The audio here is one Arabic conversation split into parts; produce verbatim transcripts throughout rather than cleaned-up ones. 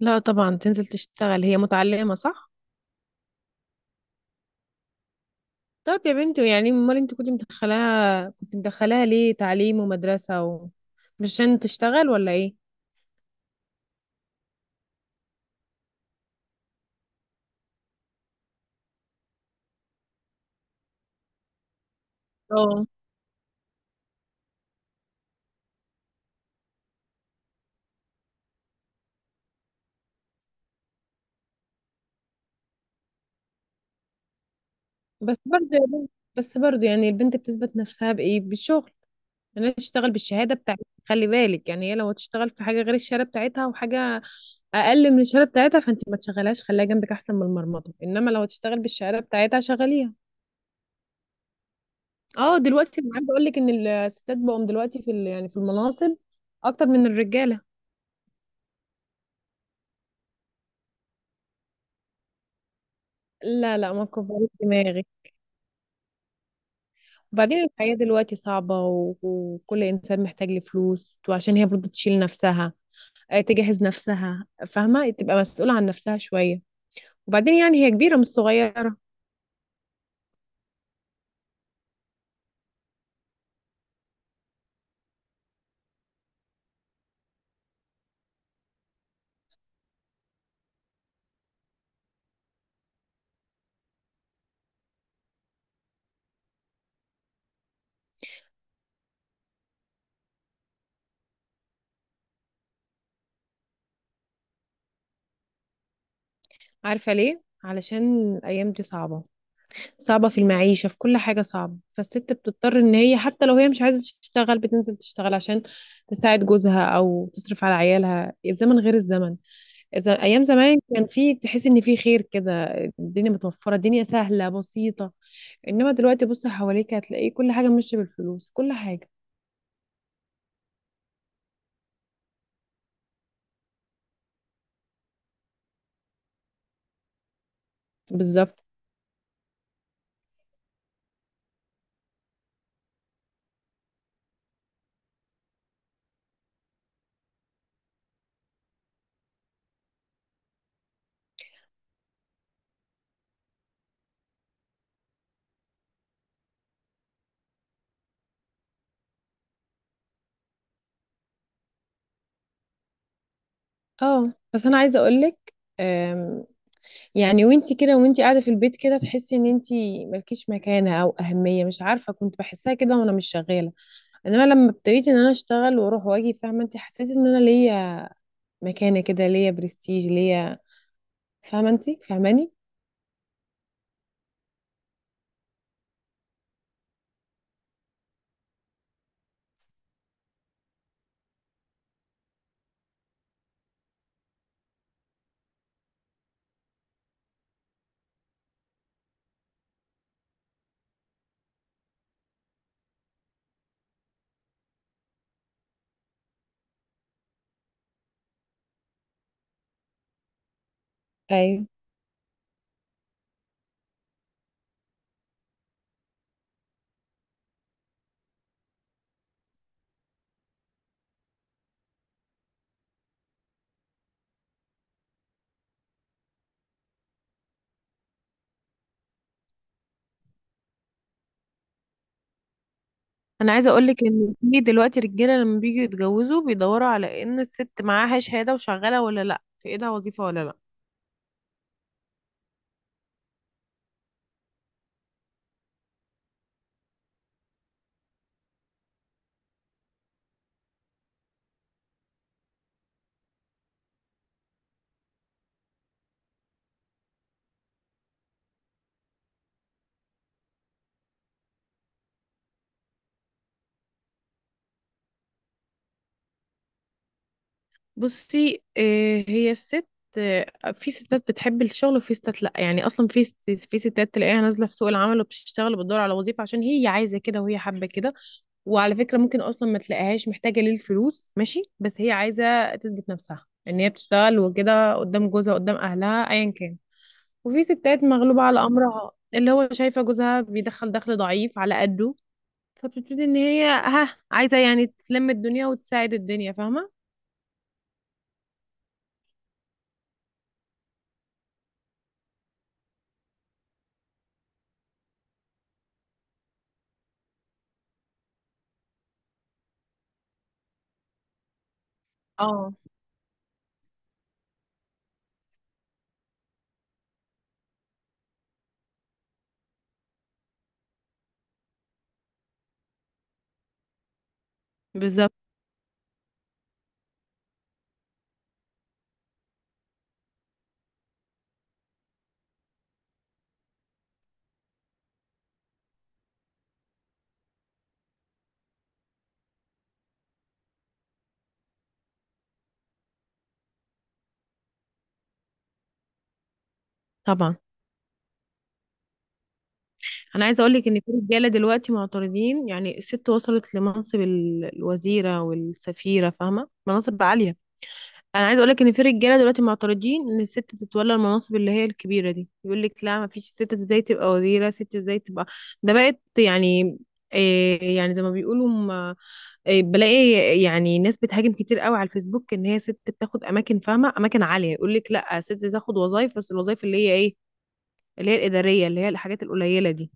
لا طبعا، تنزل تشتغل. هي متعلمة صح؟ طب يا بنتي، يعني امال انت كنت مدخلاها كنت مدخلاها ليه تعليم ومدرسة و... مش عشان تشتغل ولا ايه؟ اه. بس برضه يا بنت، بس برضه يعني البنت بتثبت نفسها بايه؟ بالشغل. يعني هي تشتغل بالشهادة بتاعتها، خلي بالك يعني هي لو تشتغل في حاجة غير الشهادة بتاعتها وحاجة أقل من الشهادة بتاعتها فانت ما تشغلهاش، خليها جنبك أحسن من المرمطة، إنما لو تشتغل بالشهادة بتاعتها شغليها. اه دلوقتي انا عايزه اقول لك ان الستات بقوا دلوقتي في ال- يعني في المناصب اكتر من الرجاله. لا لا ما كبرت دماغي. وبعدين الحياه دلوقتي صعبه و... وكل انسان محتاج لفلوس، وعشان هي برضه تشيل نفسها، آه، تجهز نفسها، فاهمه، تبقى مسؤوله عن نفسها شويه. وبعدين يعني هي كبيره مش صغيره. عارفه ليه؟ علشان الايام دي صعبه، صعبة في المعيشة، في كل حاجة صعبة، فالست بتضطر ان هي حتى لو هي مش عايزة تشتغل بتنزل تشتغل عشان تساعد جوزها او تصرف على عيالها. الزمن غير الزمن. إذا ايام زمان كان في، تحس ان في خير كده، الدنيا متوفرة، الدنيا سهلة بسيطة، انما دلوقتي بص حواليك هتلاقي كل حاجة ماشية بالفلوس، كل حاجة. بالظبط. اه بس انا عايزة اقولك، أم، يعني وانتي كده وانتي قاعدة في البيت كده تحسي ان انتي ملكيش مكانة او اهمية. مش عارفة، كنت بحسها كده وانا مش شغالة، انما لما ابتديت ان انا اشتغل واروح واجي، فاهمه انت، حسيت ان انا ليا مكانه كده، ليا برستيج ليا. فاهمه انت فاهماني؟ ايوه. انا عايزه اقول لك ان في دلوقتي رجاله لما بييجوا يتجوزوا بيدوروا على ان الست معاها شهاده وشغاله ولا لا، في ايدها وظيفه ولا لا. بصي آه، هي الست، آه، في ستات بتحب الشغل وفي ستات لا. يعني اصلا في ست- في ستات تلاقيها نازله في سوق العمل وبتشتغل وبتدور على وظيفه عشان هي عايزه كده وهي حابه كده. وعلى فكرة ممكن أصلا ما تلاقيهاش محتاجة للفلوس، ماشي، بس هي عايزة تثبت نفسها إن هي بتشتغل وكده، قدام جوزها، قدام أهلها، أيا كان. وفي ستات مغلوبة على أمرها اللي هو شايفة جوزها بيدخل دخل ضعيف على قده، فبتبتدي إن هي ها عايزة يعني تلم الدنيا وتساعد الدنيا، فاهمة؟ اه بالظبط. طبعا أنا عايزة أقولك إن في رجالة دلوقتي معترضين، يعني الست وصلت لمنصب ال- الوزيرة والسفيرة، فاهمة؟ مناصب عالية. انا عايزه اقول لك ان في رجاله دلوقتي معترضين ان الست تتولى المناصب اللي هي الكبيره دي. يقول لك لا، ما فيش ست، ازاي تبقى وزيره، ست ازاي تبقى، ده بقت يعني إيه، يعني زي ما بيقولوا م- إيه بلاقي، يعني ناس بتهاجم كتير قوي على الفيسبوك ان هي ست بتاخد اماكن، فاهمه، اماكن عاليه. يقول لك لا، ست تاخد وظايف بس الوظايف اللي هي ايه، اللي هي الاداريه، اللي هي الحاجات القليله دي.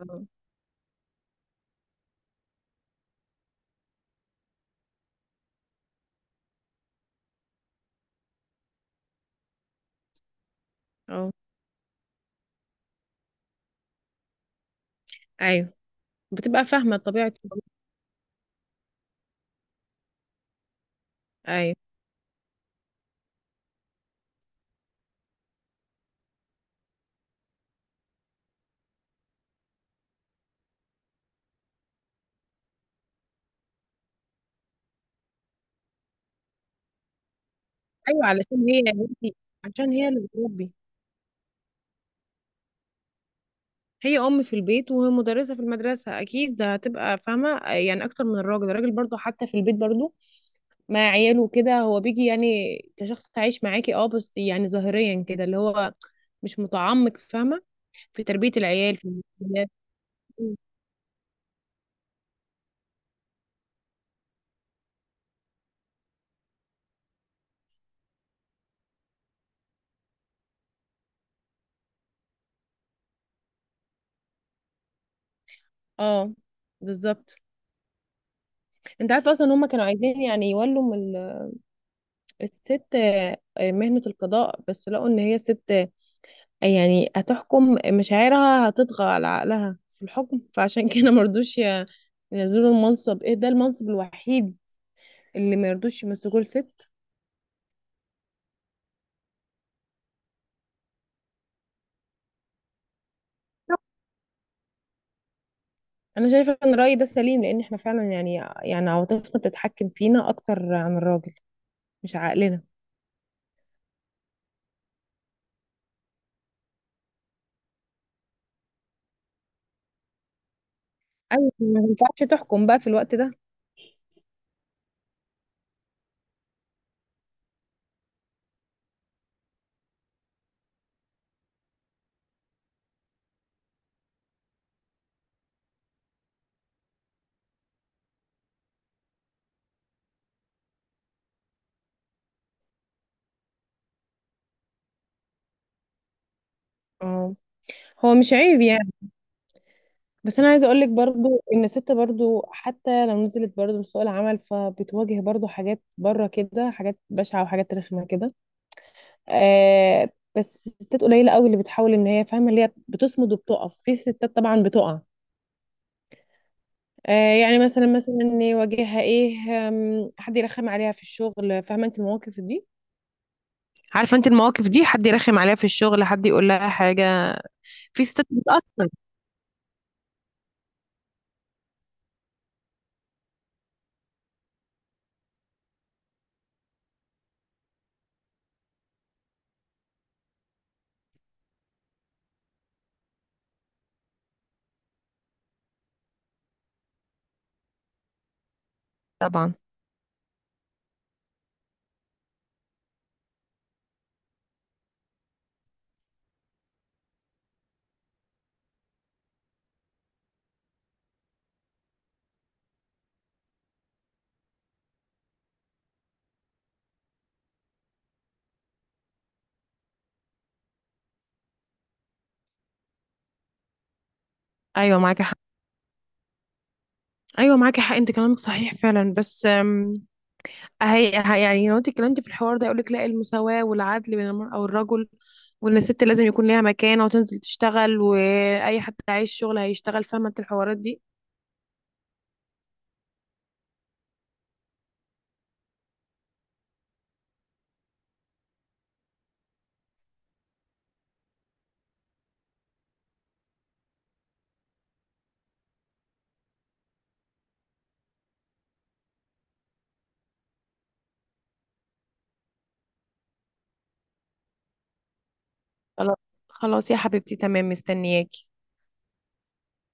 اه اه. ايوه، بتبقى فاهمه طبيعه. ايوه. ايوه علشان هي، عشان هي اللي بتربي، هي ام في البيت ومدرسه في المدرسه، اكيد ده هتبقى فاهمه يعني اكتر من الراجل. الراجل برضو حتى في البيت برضو مع عياله كده، هو بيجي يعني كشخص عايش معاكي، اه، بس يعني ظاهريا كده، اللي هو مش متعمق، فاهمه، في تربيه العيال، في المسؤوليات. اه بالظبط. انت عارفه اصلا ان هم كانوا عايزين يعني يولوا من ال- الست، آه، مهنه القضاء، بس لقوا ان هي ست يعني هتحكم مشاعرها، هتطغى على عقلها في الحكم، فعشان كده مرضوش ي- ينزلوا المنصب. ايه ده؟ المنصب الوحيد اللي مرضوش يمسكوه لست. انا شايفه ان الراي ده سليم، لان احنا فعلا يعني، يعني عواطفنا بتتحكم فينا اكتر عن الراجل، مش عقلنا. ايوه، ما ينفعش تحكم بقى في الوقت ده. اه. هو مش عيب يعني، بس انا عايزه اقول لك برضو ان الست برضو حتى لو نزلت برضو لسوق العمل فبتواجه برضو حاجات بره كده، حاجات بشعه وحاجات رخمه كده، آه. بس الستات قليله قوي اللي بتحاول ان هي، فاهمه، اللي هي بتصمد وبتقف. في ستات طبعا بتقع، آه. يعني مثلا مثلا إن يواجهها ايه، آم، حد يرخم عليها في الشغل، فاهمه انت المواقف دي، عارفه انت المواقف دي، حد يرخم عليها في الشغل، حد يقول لها حاجه، في ستات بتأثر. طبعا. ايوه معاكي حق ايوه معاكي حق انت كلامك صحيح فعلا، بس آم، هي هي- يعني لو انت اتكلمتي في الحوار ده يقولك لا، المساواة والعدل بين المرأة والرجل، وان الست لازم يكون ليها مكانة وتنزل تشتغل، واي حد عايز شغل هيشتغل، فاهمة انت الحوارات دي. خلاص، خلاص يا حبيبتي، تمام، مستنياكي.